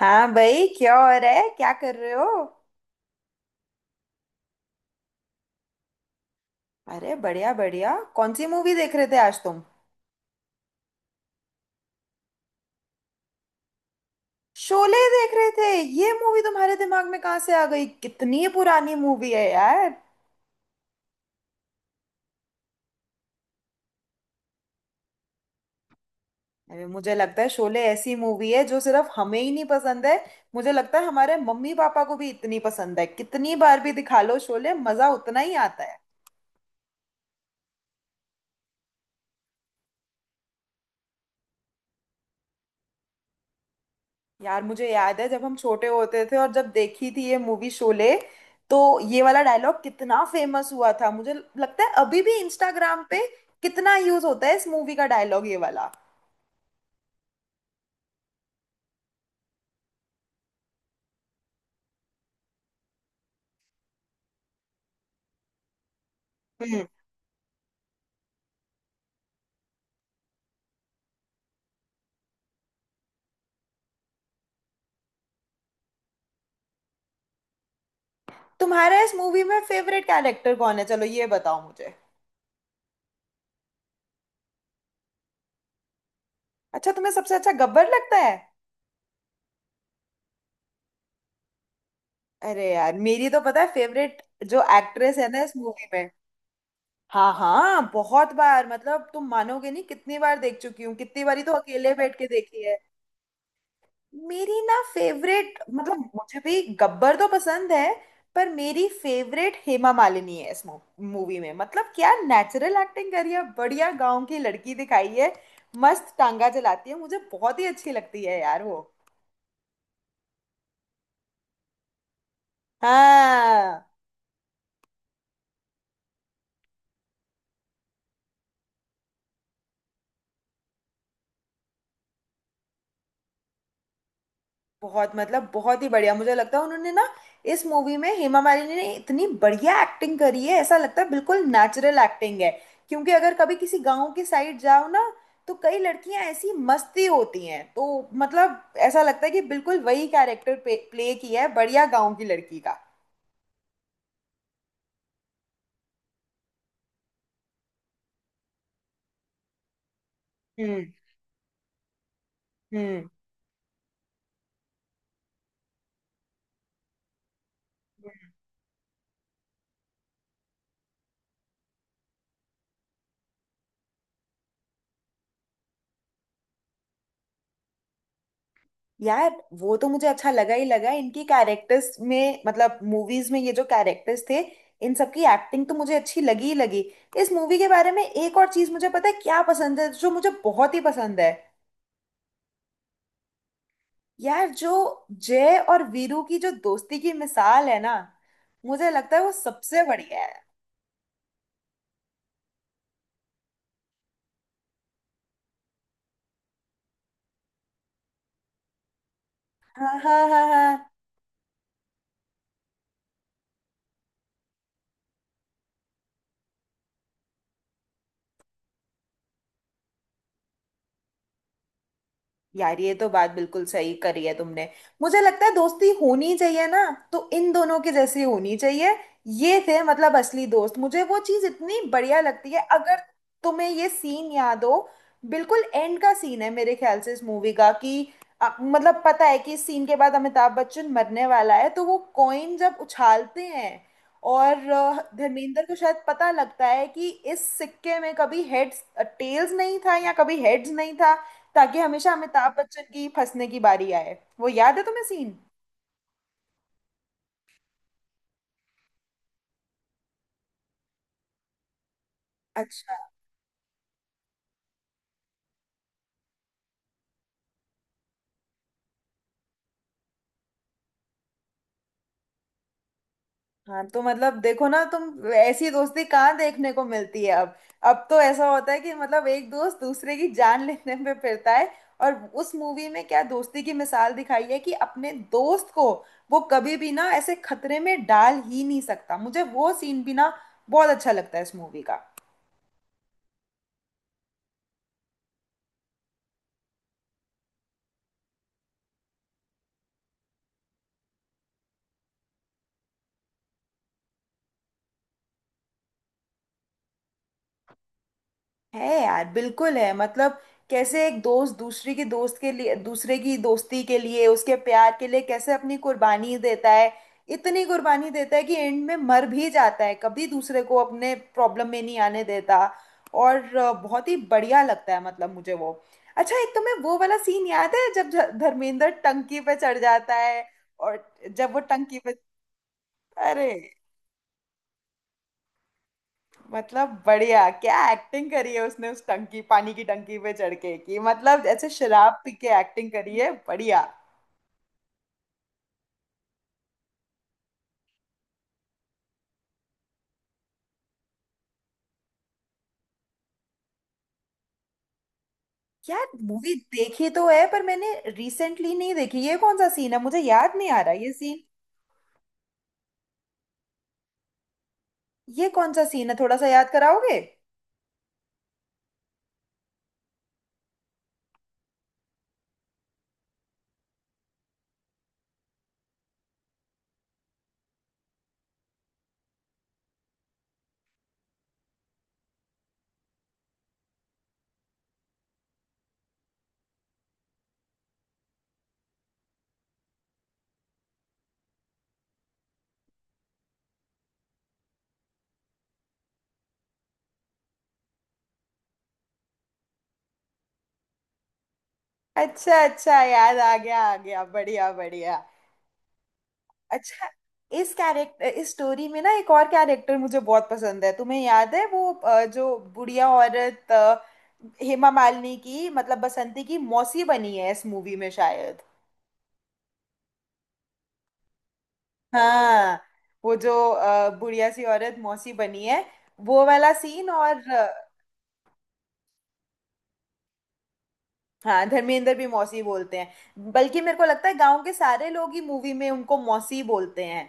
हाँ भाई, क्या हो रहा है? क्या कर रहे हो? अरे बढ़िया बढ़िया। कौन सी मूवी देख रहे थे आज तुम? शोले देख रहे थे? ये मूवी तुम्हारे दिमाग में कहाँ से आ गई? कितनी पुरानी मूवी है यार। अरे मुझे लगता है शोले ऐसी मूवी है जो सिर्फ हमें ही नहीं पसंद है। मुझे लगता है हमारे मम्मी पापा को भी इतनी पसंद है, कितनी बार भी दिखा लो शोले मजा उतना ही आता है। यार मुझे याद है जब हम छोटे होते थे और जब देखी थी ये मूवी शोले, तो ये वाला डायलॉग कितना फेमस हुआ था। मुझे लगता है अभी भी इंस्टाग्राम पे कितना यूज होता है इस मूवी का डायलॉग ये वाला। हम्म। तुम्हारा इस मूवी में फेवरेट कैरेक्टर कौन है? चलो ये बताओ मुझे। अच्छा, तुम्हें सबसे अच्छा गब्बर लगता है? अरे यार मेरी तो पता है फेवरेट, जो एक्ट्रेस है ना इस मूवी में। हाँ हाँ, बहुत बार। मतलब तुम मानोगे नहीं कितनी बार देख चुकी हूँ, कितनी बारी तो अकेले बैठ के देखी है। मेरी ना फेवरेट, मतलब मुझे भी गब्बर तो पसंद है, पर मेरी फेवरेट हेमा मालिनी है इस मूवी में। मतलब क्या नेचुरल एक्टिंग करी है, बढ़िया गांव की लड़की दिखाई है। मस्त टांगा चलाती है, मुझे बहुत ही अच्छी लगती है यार वो। हाँ बहुत, मतलब बहुत ही बढ़िया। मुझे लगता है उन्होंने ना, इस मूवी में हेमा मालिनी ने इतनी बढ़िया एक्टिंग करी है, ऐसा लगता है बिल्कुल नेचुरल एक्टिंग है। क्योंकि अगर कभी किसी गांव की साइड जाओ ना, तो कई लड़कियां ऐसी मस्ती होती हैं, तो मतलब ऐसा लगता है कि बिल्कुल वही कैरेक्टर प्ले किया है, बढ़िया गांव की लड़की का। हम्म हम्म। यार वो तो मुझे अच्छा लगा ही लगा, इनकी कैरेक्टर्स में मतलब मूवीज में ये जो कैरेक्टर्स थे, इन सब की एक्टिंग तो मुझे अच्छी लगी ही लगी। इस मूवी के बारे में एक और चीज मुझे पता है क्या पसंद है, जो मुझे बहुत ही पसंद है। यार जो जय और वीरू की जो दोस्ती की मिसाल है ना, मुझे लगता है वो सबसे बढ़िया है। हाँ हाँ हाँ हाँ। यार ये तो बात बिल्कुल सही करी है तुमने। मुझे लगता है दोस्ती होनी चाहिए ना, तो इन दोनों के जैसी होनी चाहिए। ये थे मतलब असली दोस्त, मुझे वो चीज इतनी बढ़िया लगती है। अगर तुम्हें ये सीन याद हो, बिल्कुल एंड का सीन है मेरे ख्याल से इस मूवी का कि मतलब पता है कि इस सीन के बाद अमिताभ बच्चन मरने वाला है, तो वो कॉइन जब उछालते हैं और धर्मेंद्र को शायद पता लगता है कि इस सिक्के में कभी हेड्स टेल्स नहीं था या कभी हेड्स नहीं था, ताकि हमेशा अमिताभ बच्चन की फंसने की बारी आए। वो याद है तुम्हें सीन? अच्छा। हाँ तो मतलब देखो ना तुम, ऐसी दोस्ती कहाँ देखने को मिलती है अब? अब तो ऐसा होता है कि मतलब एक दोस्त दूसरे की जान लेने पे फिरता है, और उस मूवी में क्या दोस्ती की मिसाल दिखाई है कि अपने दोस्त को वो कभी भी ना ऐसे खतरे में डाल ही नहीं सकता। मुझे वो सीन भी ना बहुत अच्छा लगता है इस मूवी का। है यार, बिल्कुल है। मतलब कैसे एक दोस्त दूसरे की दोस्त के लिए, दूसरे की दोस्ती के लिए, उसके प्यार के लिए कैसे अपनी कुर्बानी देता है। इतनी कुर्बानी देता है कि एंड में मर भी जाता है, कभी दूसरे को अपने प्रॉब्लम में नहीं आने देता। और बहुत ही बढ़िया लगता है मतलब मुझे वो। अच्छा, एक तुम्हें वो वाला सीन याद है जब धर्मेंद्र टंकी पे चढ़ जाता है, और जब वो टंकी पे? अरे, मतलब बढ़िया क्या एक्टिंग करी है उसने उस टंकी, पानी की टंकी पे चढ़ के, कि मतलब ऐसे शराब पी के एक्टिंग करी है बढ़िया। यार मूवी देखी तो है पर मैंने रिसेंटली नहीं देखी, ये कौन सा सीन है? मुझे याद नहीं आ रहा ये सीन। ये कौन सा सीन है, थोड़ा सा याद कराओगे? अच्छा अच्छा, याद आ गया आ गया, बढ़िया बढ़िया। अच्छा, इस कैरेक्टर इस स्टोरी में ना एक और कैरेक्टर मुझे बहुत पसंद है। तुम्हें याद है वो जो बुढ़िया औरत हेमा मालिनी की मतलब बसंती की मौसी बनी है इस मूवी में शायद? हाँ, वो जो बुढ़िया सी औरत मौसी बनी है, वो वाला सीन और हाँ, धर्मेंद्र भी मौसी बोलते हैं, बल्कि मेरे को लगता है गांव के सारे लोग ही मूवी में उनको मौसी बोलते हैं।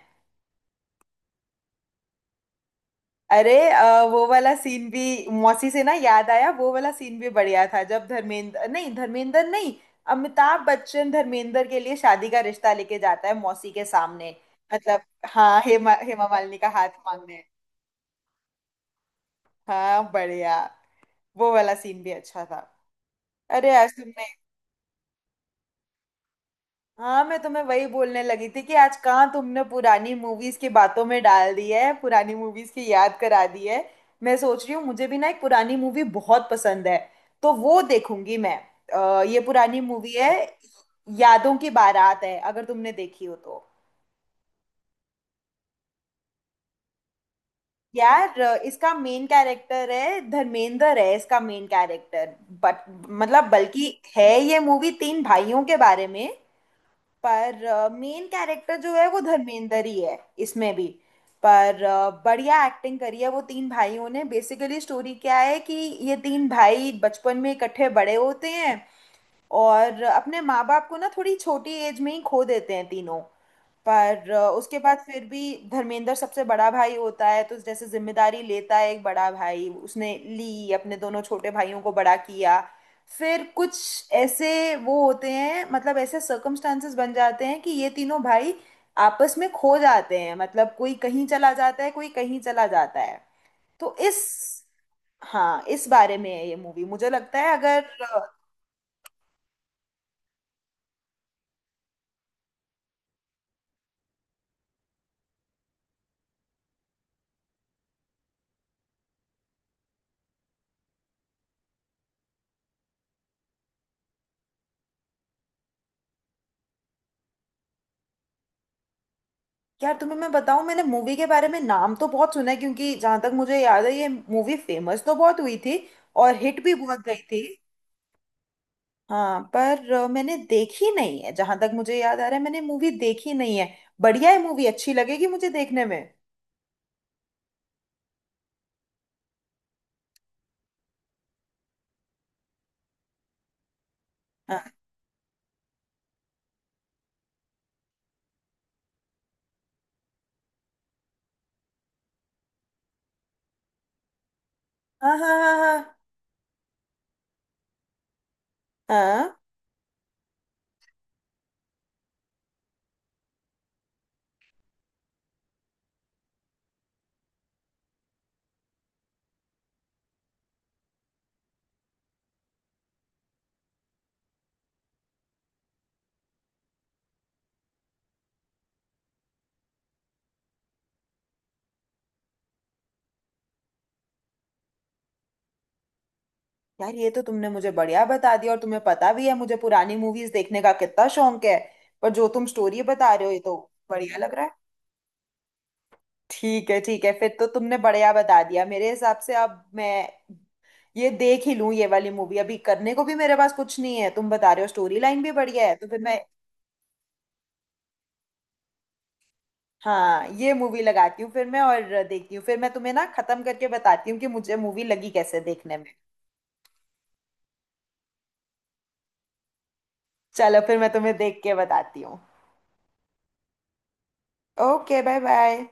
अरे वो वाला सीन भी, मौसी से ना याद आया वो वाला सीन भी बढ़िया था, जब धर्मेंद्र नहीं, धर्मेंद्र नहीं, अमिताभ बच्चन धर्मेंद्र के लिए शादी का रिश्ता लेके जाता है मौसी के सामने। मतलब हाँ, हेमा हेमा मालिनी का हाथ मांगने। हाँ बढ़िया, वो वाला सीन भी अच्छा था। अरे आज तुमने, हाँ मैं तुम्हें वही बोलने लगी थी कि आज कहाँ तुमने पुरानी मूवीज की बातों में डाल दी है, पुरानी मूवीज की याद करा दी है। मैं सोच रही हूँ, मुझे भी ना एक पुरानी मूवी बहुत पसंद है, तो वो देखूंगी मैं। ये पुरानी मूवी है यादों की बारात है, अगर तुमने देखी हो तो। यार इसका मेन कैरेक्टर है, धर्मेंद्र है इसका मेन कैरेक्टर। बट मतलब बल्कि है ये मूवी तीन भाइयों के बारे में, पर मेन कैरेक्टर जो है वो धर्मेंद्र ही है इसमें भी। पर बढ़िया एक्टिंग करी है वो तीन भाइयों ने। बेसिकली स्टोरी क्या है कि ये तीन भाई बचपन में इकट्ठे बड़े होते हैं, और अपने माँ बाप को ना थोड़ी छोटी एज में ही खो देते हैं तीनों। पर उसके बाद फिर भी धर्मेंद्र सबसे बड़ा भाई होता है, तो जैसे जिम्मेदारी लेता है एक बड़ा भाई, उसने ली, अपने दोनों छोटे भाइयों को बड़ा किया। फिर कुछ ऐसे वो होते हैं, मतलब ऐसे सर्कमस्टांसेस बन जाते हैं कि ये तीनों भाई आपस में खो जाते हैं, मतलब कोई कहीं चला जाता है, कोई कहीं चला जाता है। तो इस, हाँ, इस बारे में है ये मूवी, मुझे लगता है। अगर यार तुम्हें मैं बताऊं, मैंने मूवी के बारे में नाम तो बहुत सुना है, क्योंकि जहां तक मुझे याद है ये मूवी फेमस तो बहुत हुई थी और हिट भी बहुत गई थी। हाँ पर मैंने देखी नहीं है, जहां तक मुझे याद आ रहा है मैंने मूवी देखी नहीं है। बढ़िया है मूवी, अच्छी लगेगी मुझे देखने में। हाँ हाँ हाँ हाँ हाँ हाँ। हाँ, यार ये तो तुमने मुझे बढ़िया बता दिया, और तुम्हें पता भी है मुझे पुरानी मूवीज देखने का कितना शौक है। पर जो तुम स्टोरी बता रहे हो ये तो बढ़िया लग रहा है। ठीक है ठीक है, फिर तो तुमने बढ़िया बता दिया मेरे हिसाब से। अब मैं ये देख ही लूं ये वाली मूवी, अभी करने को भी मेरे पास कुछ नहीं है, तुम बता रहे हो स्टोरी लाइन भी बढ़िया है, तो फिर मैं हाँ ये मूवी लगाती हूँ फिर मैं, और देखती हूँ, फिर मैं तुम्हें ना खत्म करके बताती हूँ कि मुझे मूवी लगी कैसे देखने में। चलो फिर मैं तुम्हें देख के बताती हूँ। Okay bye bye.